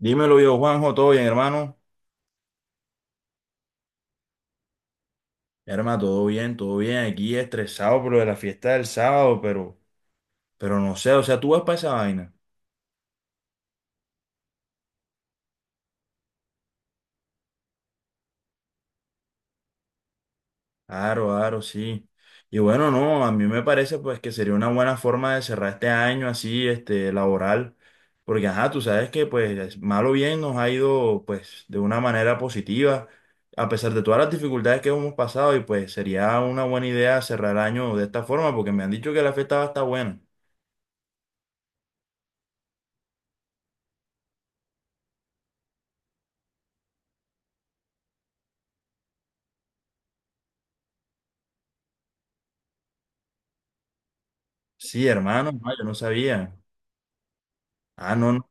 Dímelo yo, Juanjo, ¿todo bien, hermano? Hermano, todo bien, todo bien. Aquí estresado por lo de la fiesta del sábado, pero no sé, o sea, tú vas para esa vaina. Claro, claro, sí. Y bueno, no, a mí me parece pues que sería una buena forma de cerrar este año, así, este, laboral, porque ajá, tú sabes que pues mal o bien nos ha ido pues de una manera positiva, a pesar de todas las dificultades que hemos pasado, y pues sería una buena idea cerrar el año de esta forma, porque me han dicho que la fiesta va a estar buena. Sí, hermano, no, yo no sabía. Ah, no, no.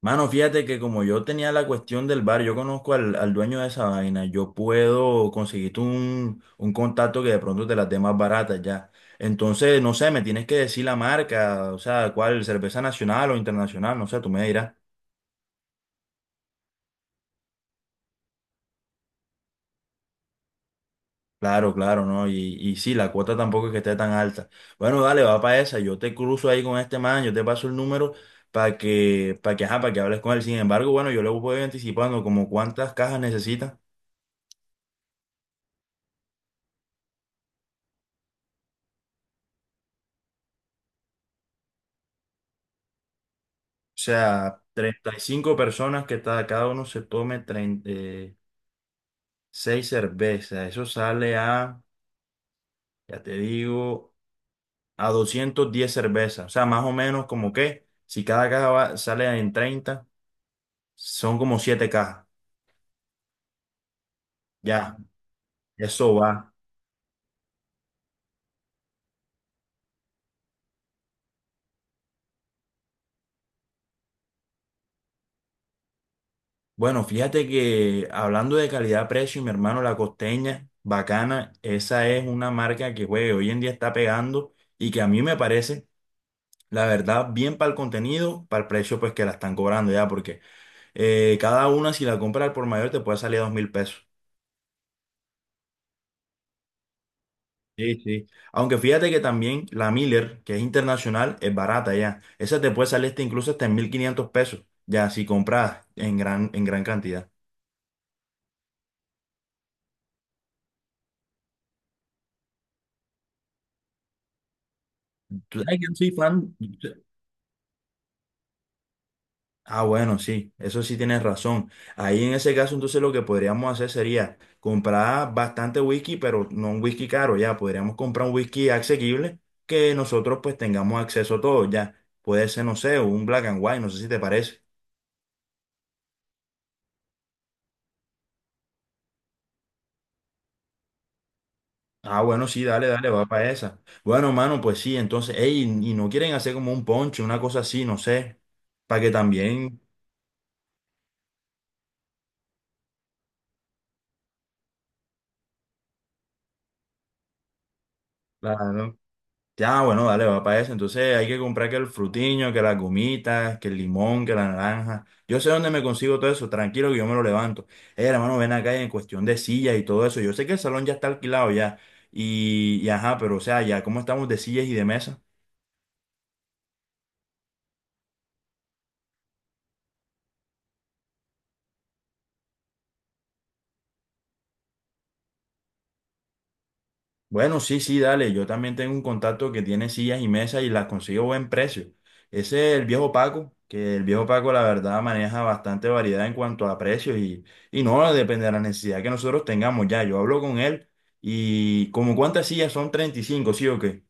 Mano, fíjate que como yo tenía la cuestión del bar, yo conozco al dueño de esa vaina, yo puedo conseguirte un contacto que de pronto te las dé más baratas ya. Entonces, no sé, me tienes que decir la marca, o sea, cuál, cerveza nacional o internacional, no sé, tú me dirás. Claro, claro, ¿no? Y sí, la cuota tampoco es que esté tan alta. Bueno, dale, va para esa, yo te cruzo ahí con este man, yo te paso el número para que, ajá, para que hables con él. Sin embargo, bueno, yo le voy anticipando como cuántas cajas necesitas. O sea, 35 personas que cada uno se tome 36 cervezas. Eso sale a, ya te digo, a 210 cervezas. O sea, más o menos como que, si cada caja sale en 30, son como 7 cajas. Ya, eso va. Bueno, fíjate que hablando de calidad-precio, mi hermano, la Costeña, bacana, esa es una marca que, güey, hoy en día está pegando y que a mí me parece la verdad bien para el contenido, para el precio pues que la están cobrando ya, porque cada una, si la compras al por mayor, te puede salir a 2000 pesos. Sí, sí. Aunque fíjate que también la Miller, que es internacional, es barata ya. Esa te puede salir hasta incluso hasta en 1500 pesos, ya si compras en gran cantidad. Tú sabes que yo soy fan. Ah, bueno, sí, eso sí tienes razón. Ahí en ese caso, entonces lo que podríamos hacer sería comprar bastante whisky, pero no un whisky caro, ya. Podríamos comprar un whisky asequible que nosotros pues tengamos acceso a todo, ya. Puede ser, no sé, un black and white, no sé si te parece. Ah, bueno, sí, dale, dale, va para esa. Bueno, mano, pues sí, entonces, ey, ¿y no quieren hacer como un ponche, una cosa así, no sé, para que también, claro? Ya, bueno, dale, va para eso. Entonces hay que comprar que el frutiño, que las gomitas, que el limón, que la naranja. Yo sé dónde me consigo todo eso, tranquilo que yo me lo levanto. Hermano, ven acá en cuestión de sillas y todo eso. Yo sé que el salón ya está alquilado ya. Y ajá, pero o sea, ya, ¿cómo estamos de sillas y de mesas? Bueno, sí, sí, dale. Yo también tengo un contacto que tiene sillas y mesas y las consigo a buen precio. Ese es el viejo Paco, que el viejo Paco la verdad maneja bastante variedad en cuanto a precios, y no depende de la necesidad que nosotros tengamos ya. Yo hablo con él y como cuántas sillas, ¿son 35, sí o qué?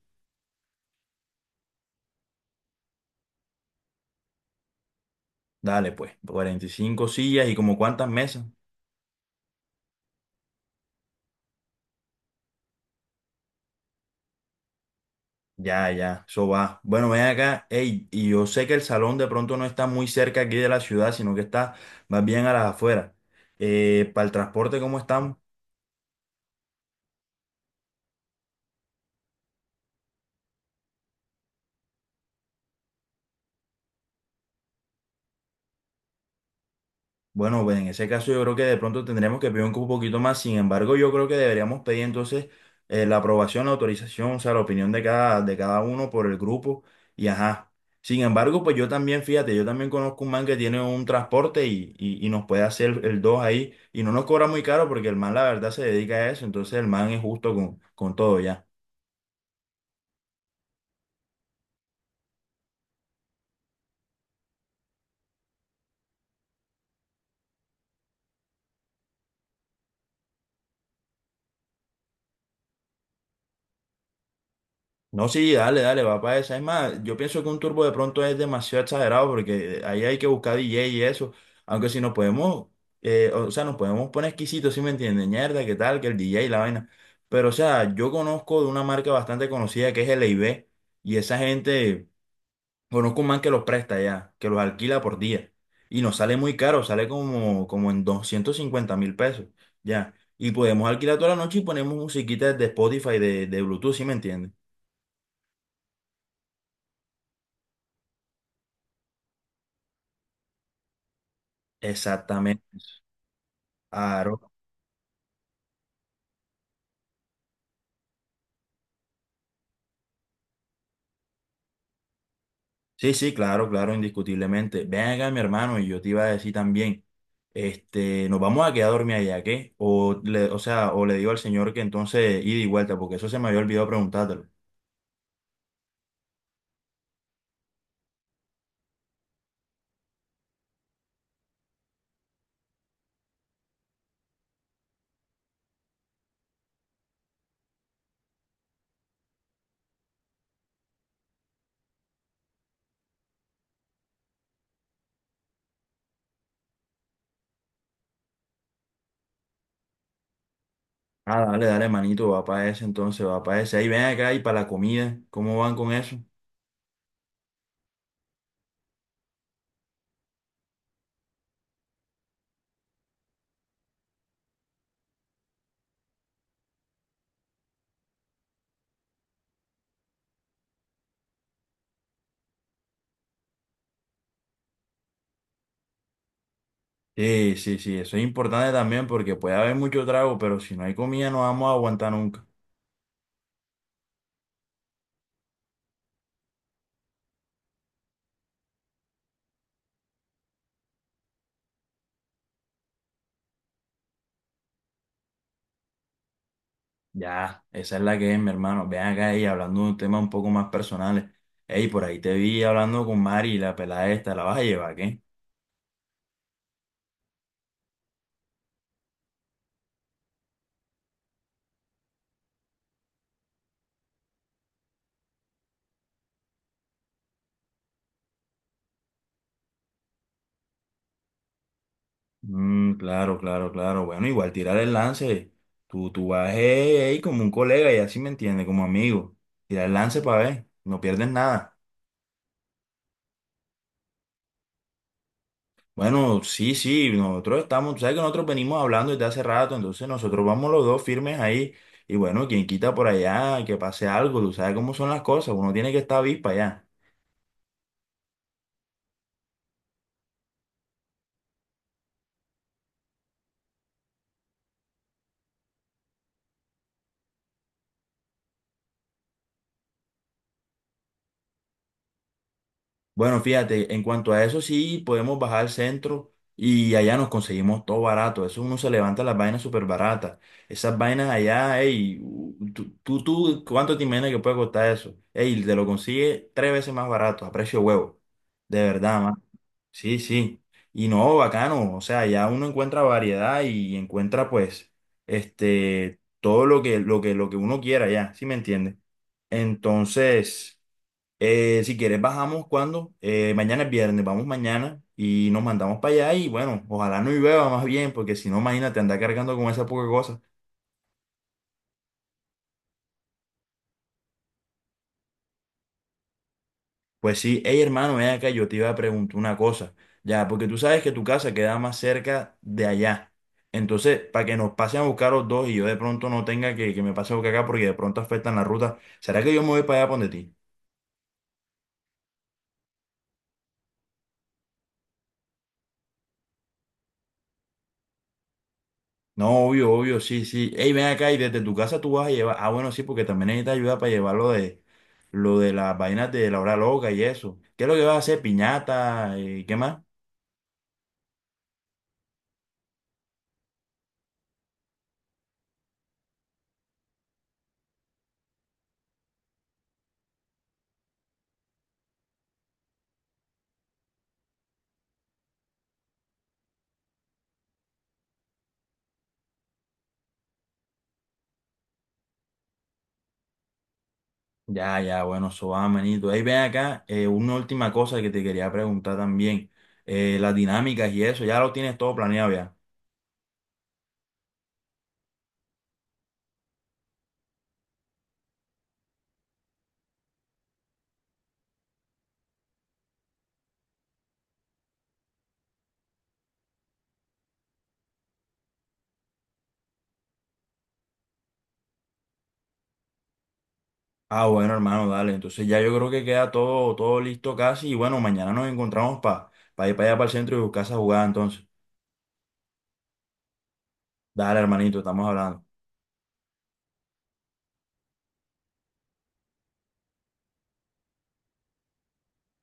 Dale, pues, 45 sillas. ¿Y como cuántas mesas? Ya, ya, eso va. Bueno, ven acá, ey, y yo sé que el salón de pronto no está muy cerca aquí de la ciudad, sino que está más bien a las afueras. ¿Para el transporte cómo estamos? Bueno, pues en ese caso yo creo que de pronto tendremos que pedir un poquito más. Sin embargo, yo creo que deberíamos pedir entonces la aprobación, la autorización, o sea, la opinión de cada uno por el grupo. Y ajá. Sin embargo, pues yo también, fíjate, yo también conozco un man que tiene un transporte y, y nos puede hacer el 2 ahí. Y no nos cobra muy caro porque el man la verdad se dedica a eso. Entonces el man es justo con todo ya. No, sí, dale, dale, va para esa. Es más, yo pienso que un turbo de pronto es demasiado exagerado porque ahí hay que buscar DJ y eso. Aunque si nos podemos, o sea, nos podemos poner exquisitos, ¿sí me entiendes? Mierda, qué tal, que el DJ y la vaina. Pero, o sea, yo conozco de una marca bastante conocida que es LIB, y esa gente, conozco un man que los presta ya, que los alquila por día. Y nos sale muy caro, sale como, como en 250000 pesos, ya. Y podemos alquilar toda la noche y ponemos musiquita de Spotify, de Bluetooth, ¿sí me entiendes? Exactamente. Claro. Sí, sí, claro, claro, indiscutiblemente. Ven acá, mi hermano, y yo te iba a decir también, este, nos vamos a quedar a dormir allá, ¿qué? O le, o sea, o le digo al señor que entonces ida y vuelta, porque eso se me había olvidado preguntártelo. Ah, dale, dale, manito, va para ese entonces, va para ese. Ahí ven acá, y para la comida, ¿cómo van con eso? Sí, sí, sí, eso es importante también porque puede haber mucho trago, pero si no hay comida no vamos a aguantar nunca. Ya, esa es la que es, mi hermano. Ven acá, y hablando de un tema un poco más personales. Ey, por ahí te vi hablando con Mari, la pelada esta, ¿la vas a llevar, qué? Mm, claro, claro, claro. Bueno, igual tirar el lance. Tú vas ahí como un colega, y así me entiende, como amigo. Tirar el lance para ver, no pierdes nada. Bueno, sí, sí, nosotros estamos, tú sabes que nosotros venimos hablando desde hace rato, entonces nosotros vamos los dos firmes ahí. Y bueno, quien quita por allá, que pase algo, tú sabes cómo son las cosas, uno tiene que estar avispa allá. Bueno, fíjate, en cuanto a eso sí podemos bajar al centro y allá nos conseguimos todo barato. Eso uno se levanta las vainas súper baratas. Esas vainas allá, ey, tú, tú, ¿cuánto te imaginas que puede costar eso? Ey, te lo consigue tres veces más barato, a precio de huevo. De verdad, man. Sí, sí. Y no, bacano. O sea, ya uno encuentra variedad y encuentra pues, este, todo lo que, lo que uno quiera ya, ¿sí me entiendes? Entonces. Si quieres, bajamos cuando. Mañana es viernes, vamos mañana y nos mandamos para allá, y bueno, ojalá no llueva más bien, porque si no, imagínate, andar cargando con esa poca cosa. Pues sí, hey hermano, ven acá, yo te iba a preguntar una cosa, ya, porque tú sabes que tu casa queda más cerca de allá. Entonces, para que nos pasen a buscar los dos y yo de pronto no tenga que me pase a buscar acá porque de pronto afectan la ruta, ¿será que yo me voy para allá donde ti? No, obvio, obvio, sí, sí. Ey, ven acá, y desde tu casa tú vas a llevar. Ah, bueno, sí, porque también necesitas ayuda para llevar lo de las vainas de la hora loca y eso. ¿Qué es lo que vas a hacer? ¿Piñata? ¿Y qué más? Ya, ya, bueno, eso va, manito. Ey, ven acá, una última cosa que te quería preguntar también. Las dinámicas y eso, ya lo tienes todo planeado ya. Ah, bueno, hermano, dale. Entonces ya yo creo que queda todo, todo listo casi. Y bueno, mañana nos encontramos para ir para allá para el centro y buscar esa jugada entonces. Dale, hermanito, estamos hablando.